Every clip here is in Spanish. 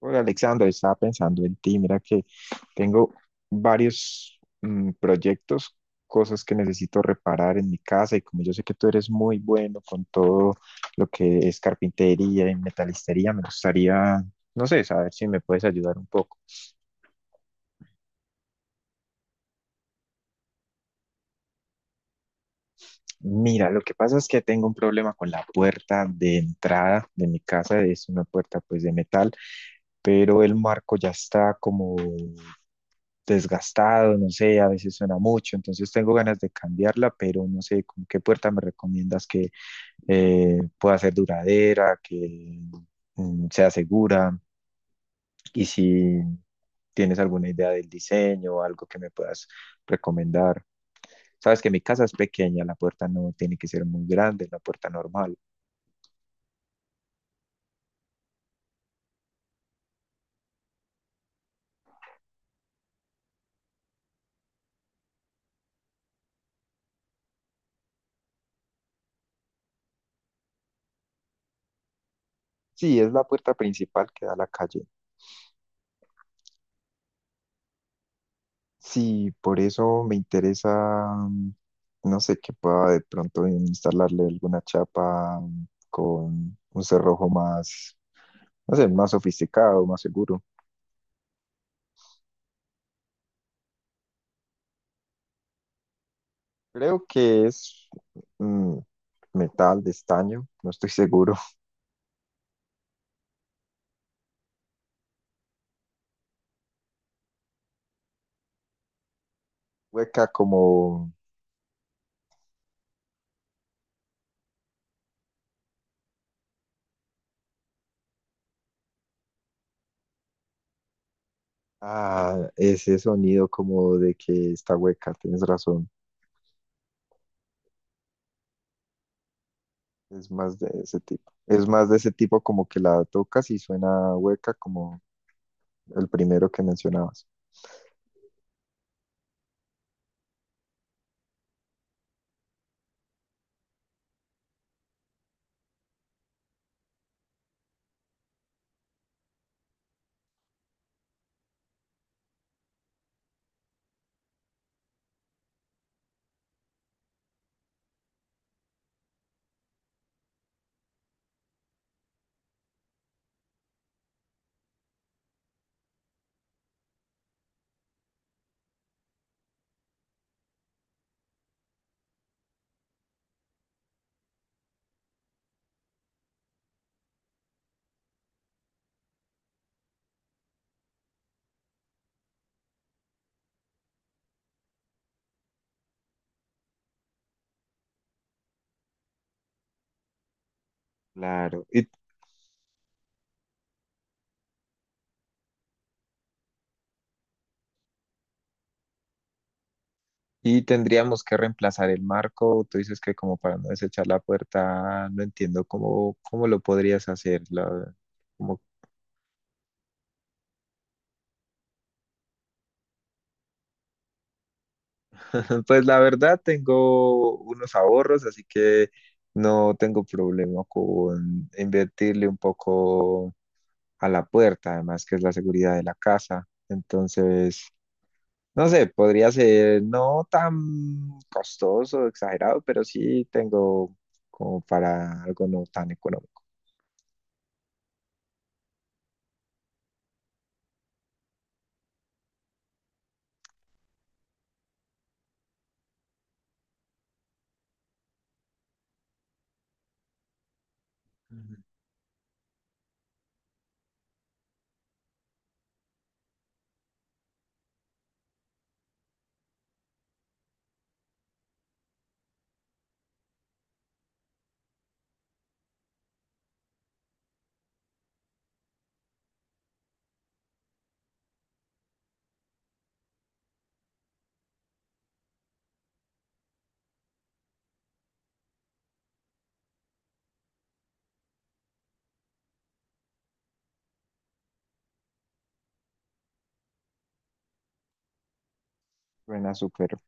Hola, Alexander, estaba pensando en ti. Mira que tengo varios proyectos, cosas que necesito reparar en mi casa, y como yo sé que tú eres muy bueno con todo lo que es carpintería y metalistería, me gustaría, no sé, saber si me puedes ayudar un poco. Mira, lo que pasa es que tengo un problema con la puerta de entrada de mi casa. Es una puerta pues de metal, pero el marco ya está como desgastado, no sé, a veces suena mucho. Entonces tengo ganas de cambiarla, pero no sé con qué puerta me recomiendas que pueda ser duradera, que sea segura, y si tienes alguna idea del diseño o algo que me puedas recomendar. Sabes que mi casa es pequeña, la puerta no tiene que ser muy grande, es la puerta normal. Sí, es la puerta principal que da a la calle. Sí, por eso me interesa, no sé, que pueda de pronto instalarle alguna chapa con un cerrojo más, no sé, más sofisticado, más seguro. Creo que es mm, metal de estaño, no estoy seguro. ¿Hueca como? Ah, ese sonido como de que está hueca, tienes razón. Es más de ese tipo. Es más de ese tipo, como que la tocas y suena hueca como el primero que mencionabas. Claro. ¿Y y tendríamos que reemplazar el marco? Tú dices que como para no desechar la puerta, no entiendo cómo, cómo lo podrías hacer. Como- pues la verdad tengo unos ahorros, así que no tengo problema con invertirle un poco a la puerta, además que es la seguridad de la casa. Entonces, no sé, podría ser no tan costoso, exagerado, pero sí tengo como para algo no tan económico. Ujú. Suena súper.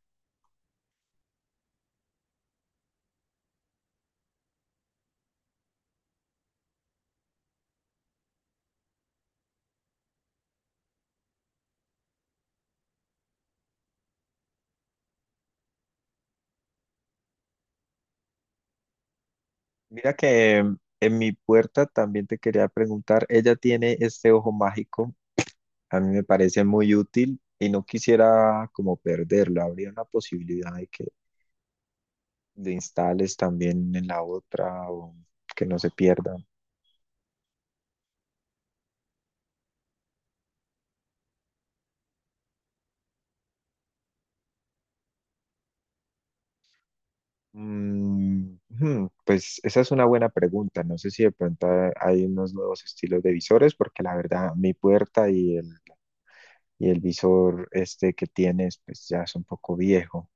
Mira que en mi puerta también te quería preguntar, ella tiene este ojo mágico, a mí me parece muy útil y no quisiera como perderlo. ¿Habría una posibilidad de que le instales también en la otra o que no se pierda? Mm, hmm, pues esa es una buena pregunta. No sé si de pronto hay unos nuevos estilos de visores, porque la verdad mi puerta y el visor este que tienes pues ya es un poco viejo.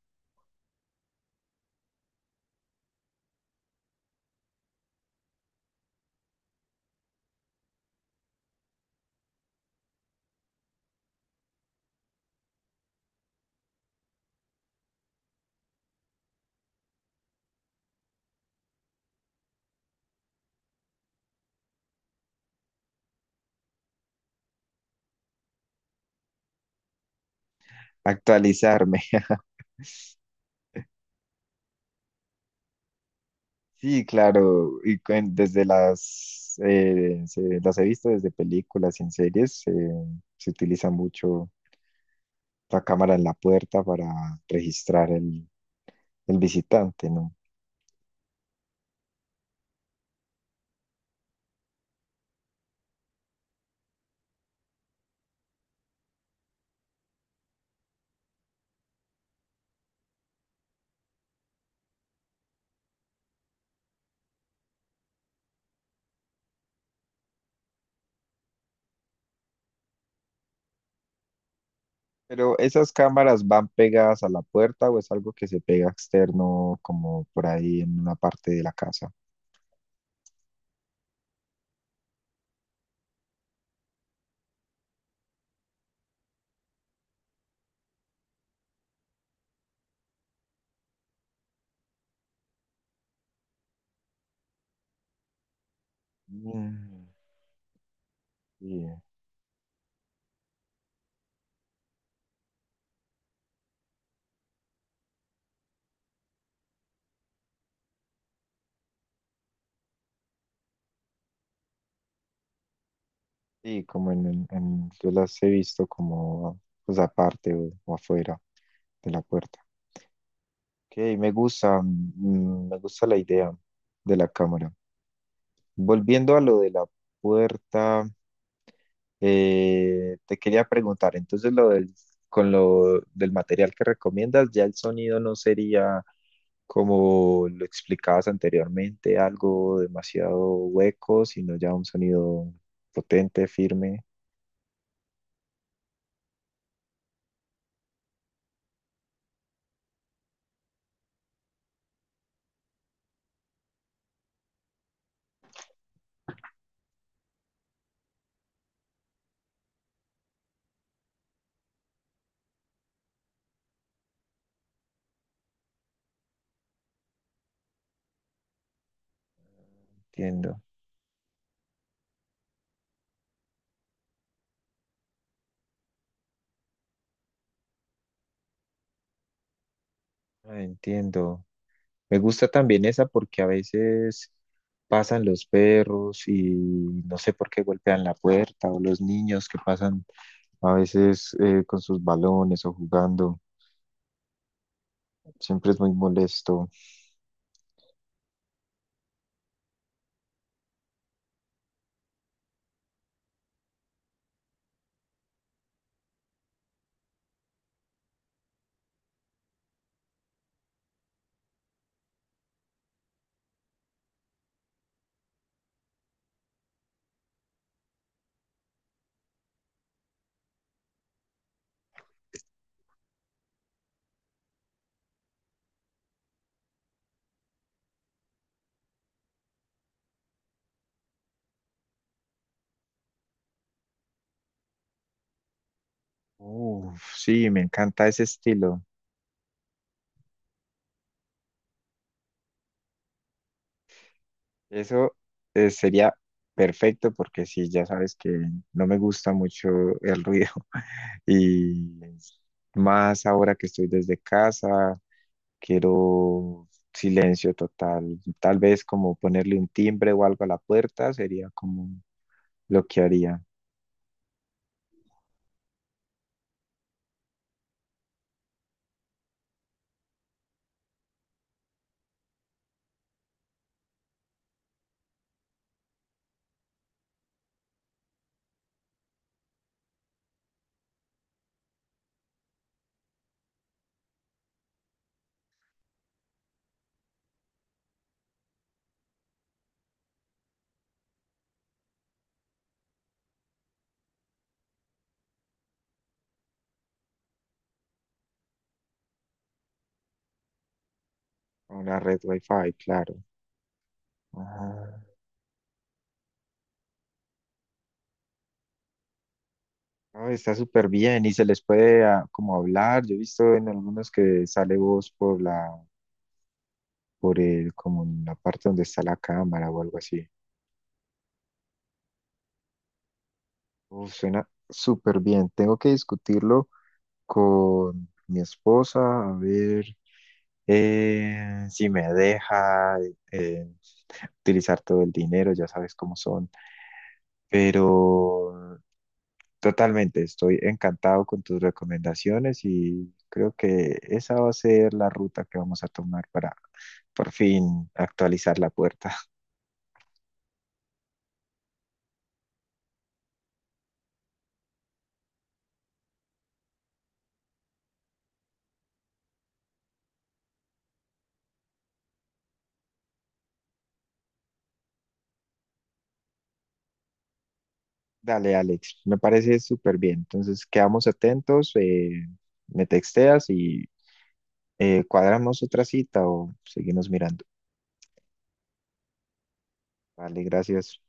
Actualizarme. Sí, claro, y desde las, las he visto desde películas y en series. Se utiliza mucho la cámara en la puerta para registrar el visitante, ¿no? Pero ¿esas cámaras van pegadas a la puerta o es algo que se pega externo como por ahí en una parte de la casa? Mm, sí, sí, como en, yo las he visto como pues aparte o afuera de la puerta. Ok, me gusta, me gusta la idea de la cámara. Volviendo a lo de la puerta, te quería preguntar, entonces lo del, con lo del material que recomiendas, ya el sonido no sería como lo explicabas anteriormente, algo demasiado hueco, sino ya un sonido potente, firme. Entiendo. Ah, entiendo. Me gusta también esa porque a veces pasan los perros y no sé por qué golpean la puerta o los niños que pasan a veces con sus balones o jugando. Siempre es muy molesto. Uf, sí, me encanta ese estilo. Eso sería perfecto, porque sí, ya sabes que no me gusta mucho el ruido y más ahora que estoy desde casa. Quiero silencio total. Tal vez como ponerle un timbre o algo a la puerta sería como lo que haría. Una red wifi, claro. Ah, no, está súper bien, y se les puede ah, como hablar. Yo he visto en algunos que sale voz por la, por el, como en la parte donde está la cámara o algo así. Uf, suena súper bien. Tengo que discutirlo con mi esposa, a ver si me deja eh, utilizar todo el dinero, ya sabes cómo son, pero totalmente, estoy encantado con tus recomendaciones y creo que esa va a ser la ruta que vamos a tomar para por fin actualizar la puerta. Dale, Alex, me parece súper bien. Entonces, quedamos atentos, me texteas y cuadramos otra cita o seguimos mirando. Vale, gracias.